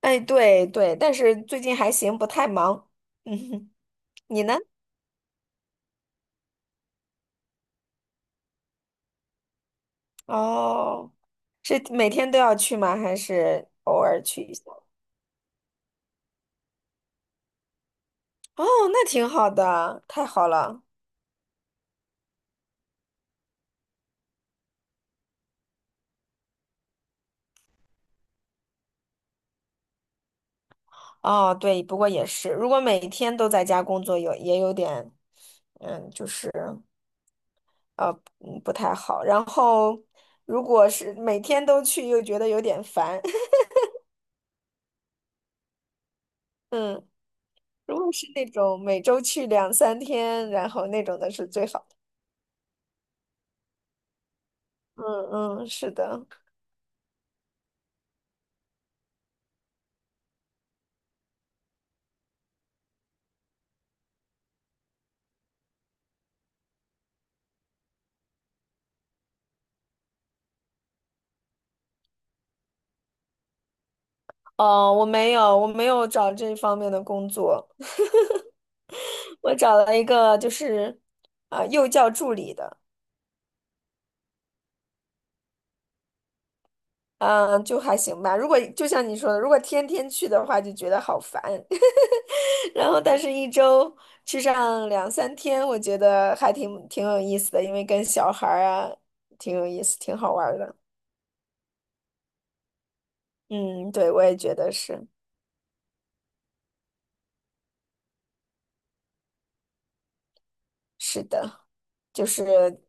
哎，对对，但是最近还行，不太忙。嗯哼。你呢？哦，是每天都要去吗？还是偶尔去一下？哦，那挺好的，太好了。哦，对，不过也是，如果每天都在家工作，有也有点，嗯，就是嗯不太好。然后，如果是每天都去，又觉得有点烦。嗯，如果是那种每周去两三天，然后那种的是最好的。嗯嗯，是的。哦，我没有，我没有找这方面的工作。我找了一个就是幼教助理的。嗯、就还行吧。如果就像你说的，如果天天去的话，就觉得好烦。然后，但是一周去上两三天，我觉得还挺有意思的，因为跟小孩儿啊挺有意思，挺好玩儿的。嗯，对，我也觉得是，是的。就是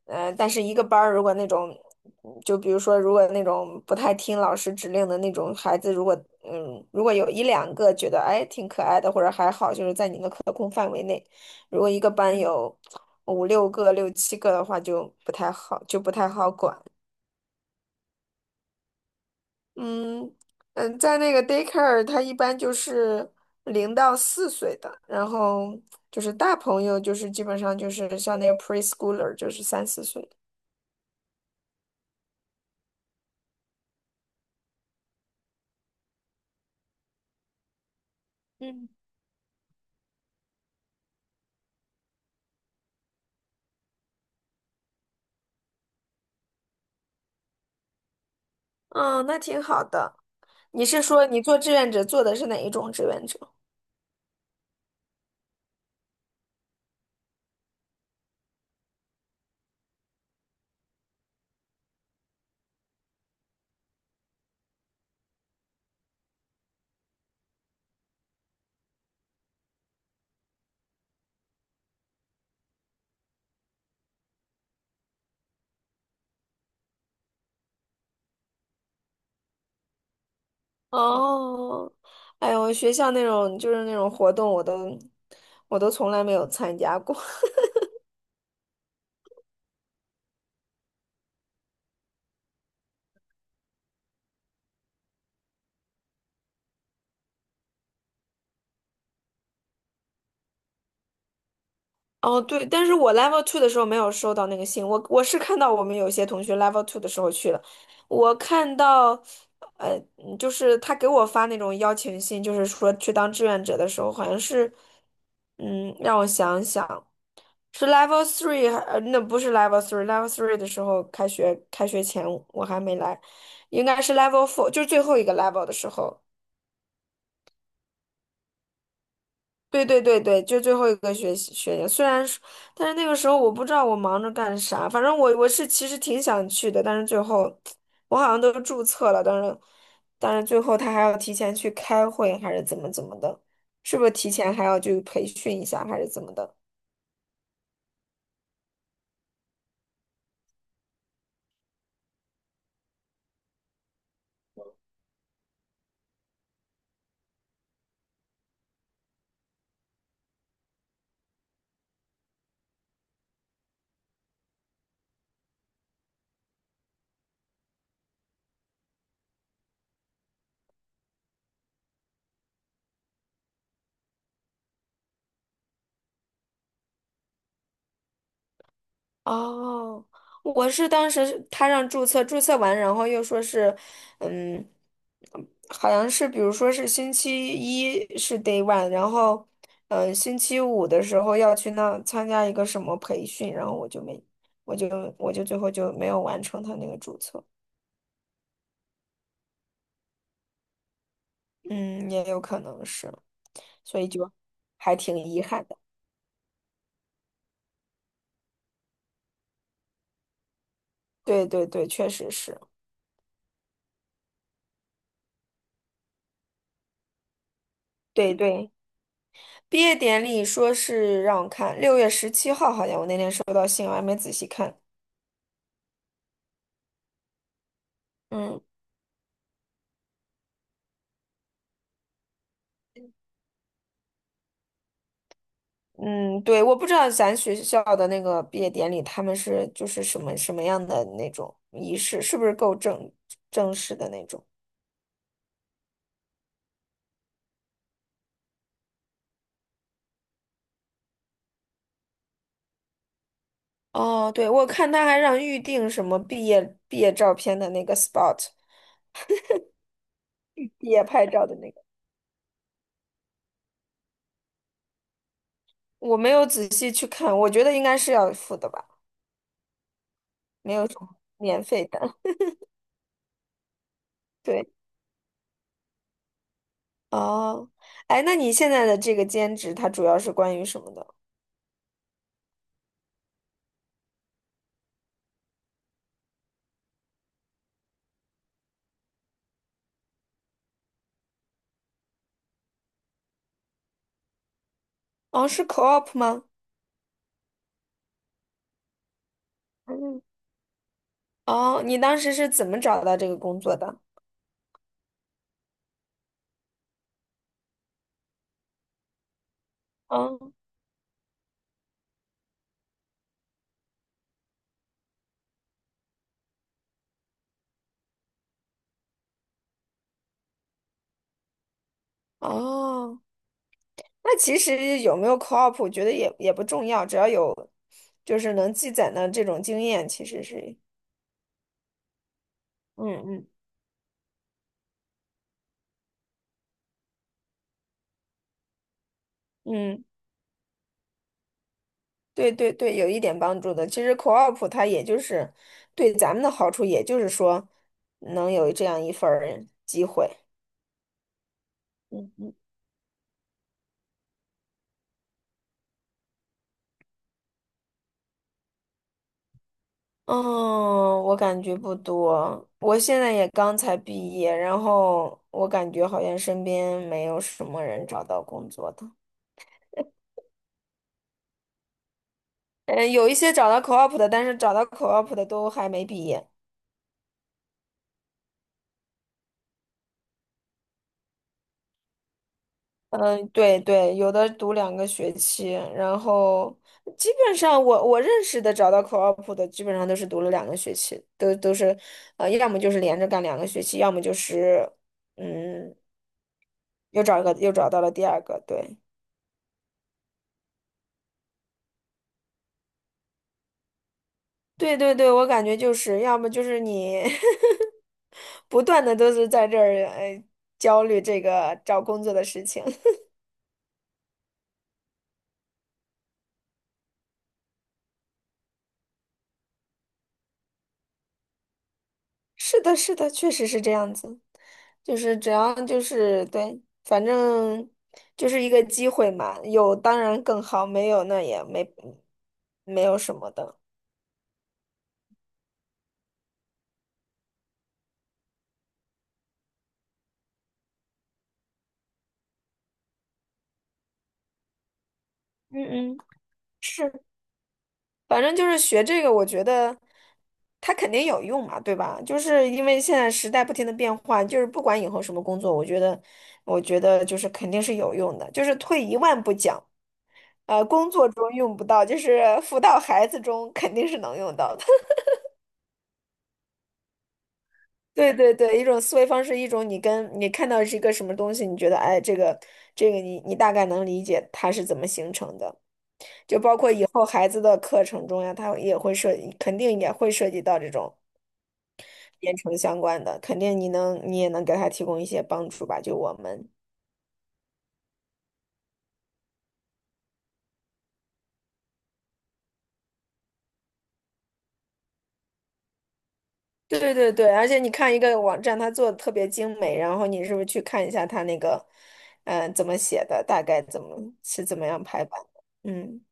但是一个班儿如果那种，就比如说如果那种不太听老师指令的那种孩子，如果嗯，如果有一两个觉得哎挺可爱的或者还好，就是在你的可控范围内。如果一个班有五六个、六七个的话，就不太好，就不太好管。嗯嗯，在那个 daycare，它一般就是0到4岁的，然后就是大朋友，就是基本上就是像那个 preschooler，就是3、4岁的。嗯。嗯，那挺好的。你是说你做志愿者做的是哪一种志愿者？哦，哎呦，学校那种就是那种活动，我都从来没有参加过。哦，对，但是我 level two 的时候没有收到那个信，我是看到我们有些同学 level two 的时候去了，我看到，就是他给我发那种邀请信，就是说去当志愿者的时候，好像是，嗯，让我想想。是 Level Three，Level Three 的时候，开学前我还没来，应该是 Level Four，就是最后一个 Level 的时候。对对对对，就最后一个学年。虽然说但是那个时候我不知道我忙着干啥，反正我是其实挺想去的，但是最后我好像都注册了，但是最后他还要提前去开会，还是怎么怎么的，是不是提前还要去培训一下，还是怎么的？哦，我是当时是他让注册，注册完，然后又说是，嗯，好像是比如说是星期一是 day one，然后，星期五的时候要去那参加一个什么培训，我就我就最后就没有完成他那个注册。嗯，也有可能是，所以就还挺遗憾的。对对对，确实是。对对。毕业典礼说是让我看6月17号，好像我那天收到信，我还没仔细看。嗯嗯，对，我不知道咱学校的那个毕业典礼，他们是就是什么什么样的那种仪式，是不是够正式的那种？哦，对，我看他还让预定什么毕业照片的那个 spot，毕业拍照的那个，我没有仔细去看，我觉得应该是要付的吧，没有什么免费的。对。哦，哎，那你现在的这个兼职，它主要是关于什么的？哦，是 co-op 吗？嗯。哦，你当时是怎么找到这个工作的？嗯，哦，那其实有没有 co-op，我觉得也不重要，只要有就是能积攒的这种经验，其实是嗯嗯。嗯，对对对，有一点帮助的。其实 co-op 它也就是对咱们的好处，也就是说能有这样一份儿机会。嗯嗯。嗯，我感觉不多。我现在也刚才毕业，然后我感觉好像身边没有什么人找到工作的。嗯，有一些找到 co-op 的，但是找到 co-op 的都还没毕业。嗯，对对，有的读两个学期，然后基本上我认识的找到 co-op 的，基本上都是读了两个学期，都是，呃，要么就是连着干两个学期，要么就是，嗯，又找到了第二个，对。对对对，我感觉就是要么就是你 不断的都是在这儿，呃，焦虑这个找工作的事情。是的，是的，确实是这样子，就是只要就是对，反正就是一个机会嘛，有当然更好，没有那也没有什么的。嗯嗯，是，反正就是学这个，我觉得它肯定有用嘛，对吧？就是因为现在时代不停的变换，就是不管以后什么工作，我觉得就是肯定是有用的，就是退一万步讲，呃，工作中用不到，就是 辅导孩子中肯定是能用到的。对对对，一种思维方式，一种你跟你看到是一个什么东西，你觉得哎，这个你大概能理解它是怎么形成的，就包括以后孩子的课程中呀，他也会涉，肯定也会涉及到这种编程相关的，肯定你也能给他提供一些帮助吧，就我们。对对对对，而且你看一个网站，它做的特别精美，然后你是不是去看一下它那个，嗯、怎么写的，大概怎么是怎么样排版的？嗯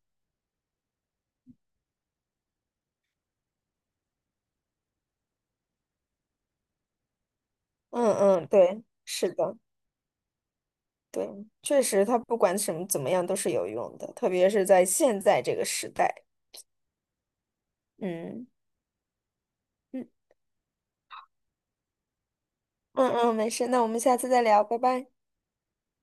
嗯嗯，对，是的。对，确实，他不管什么怎么样都是有用的，特别是在现在这个时代。嗯嗯嗯嗯，没事，那我们下次再聊，拜拜。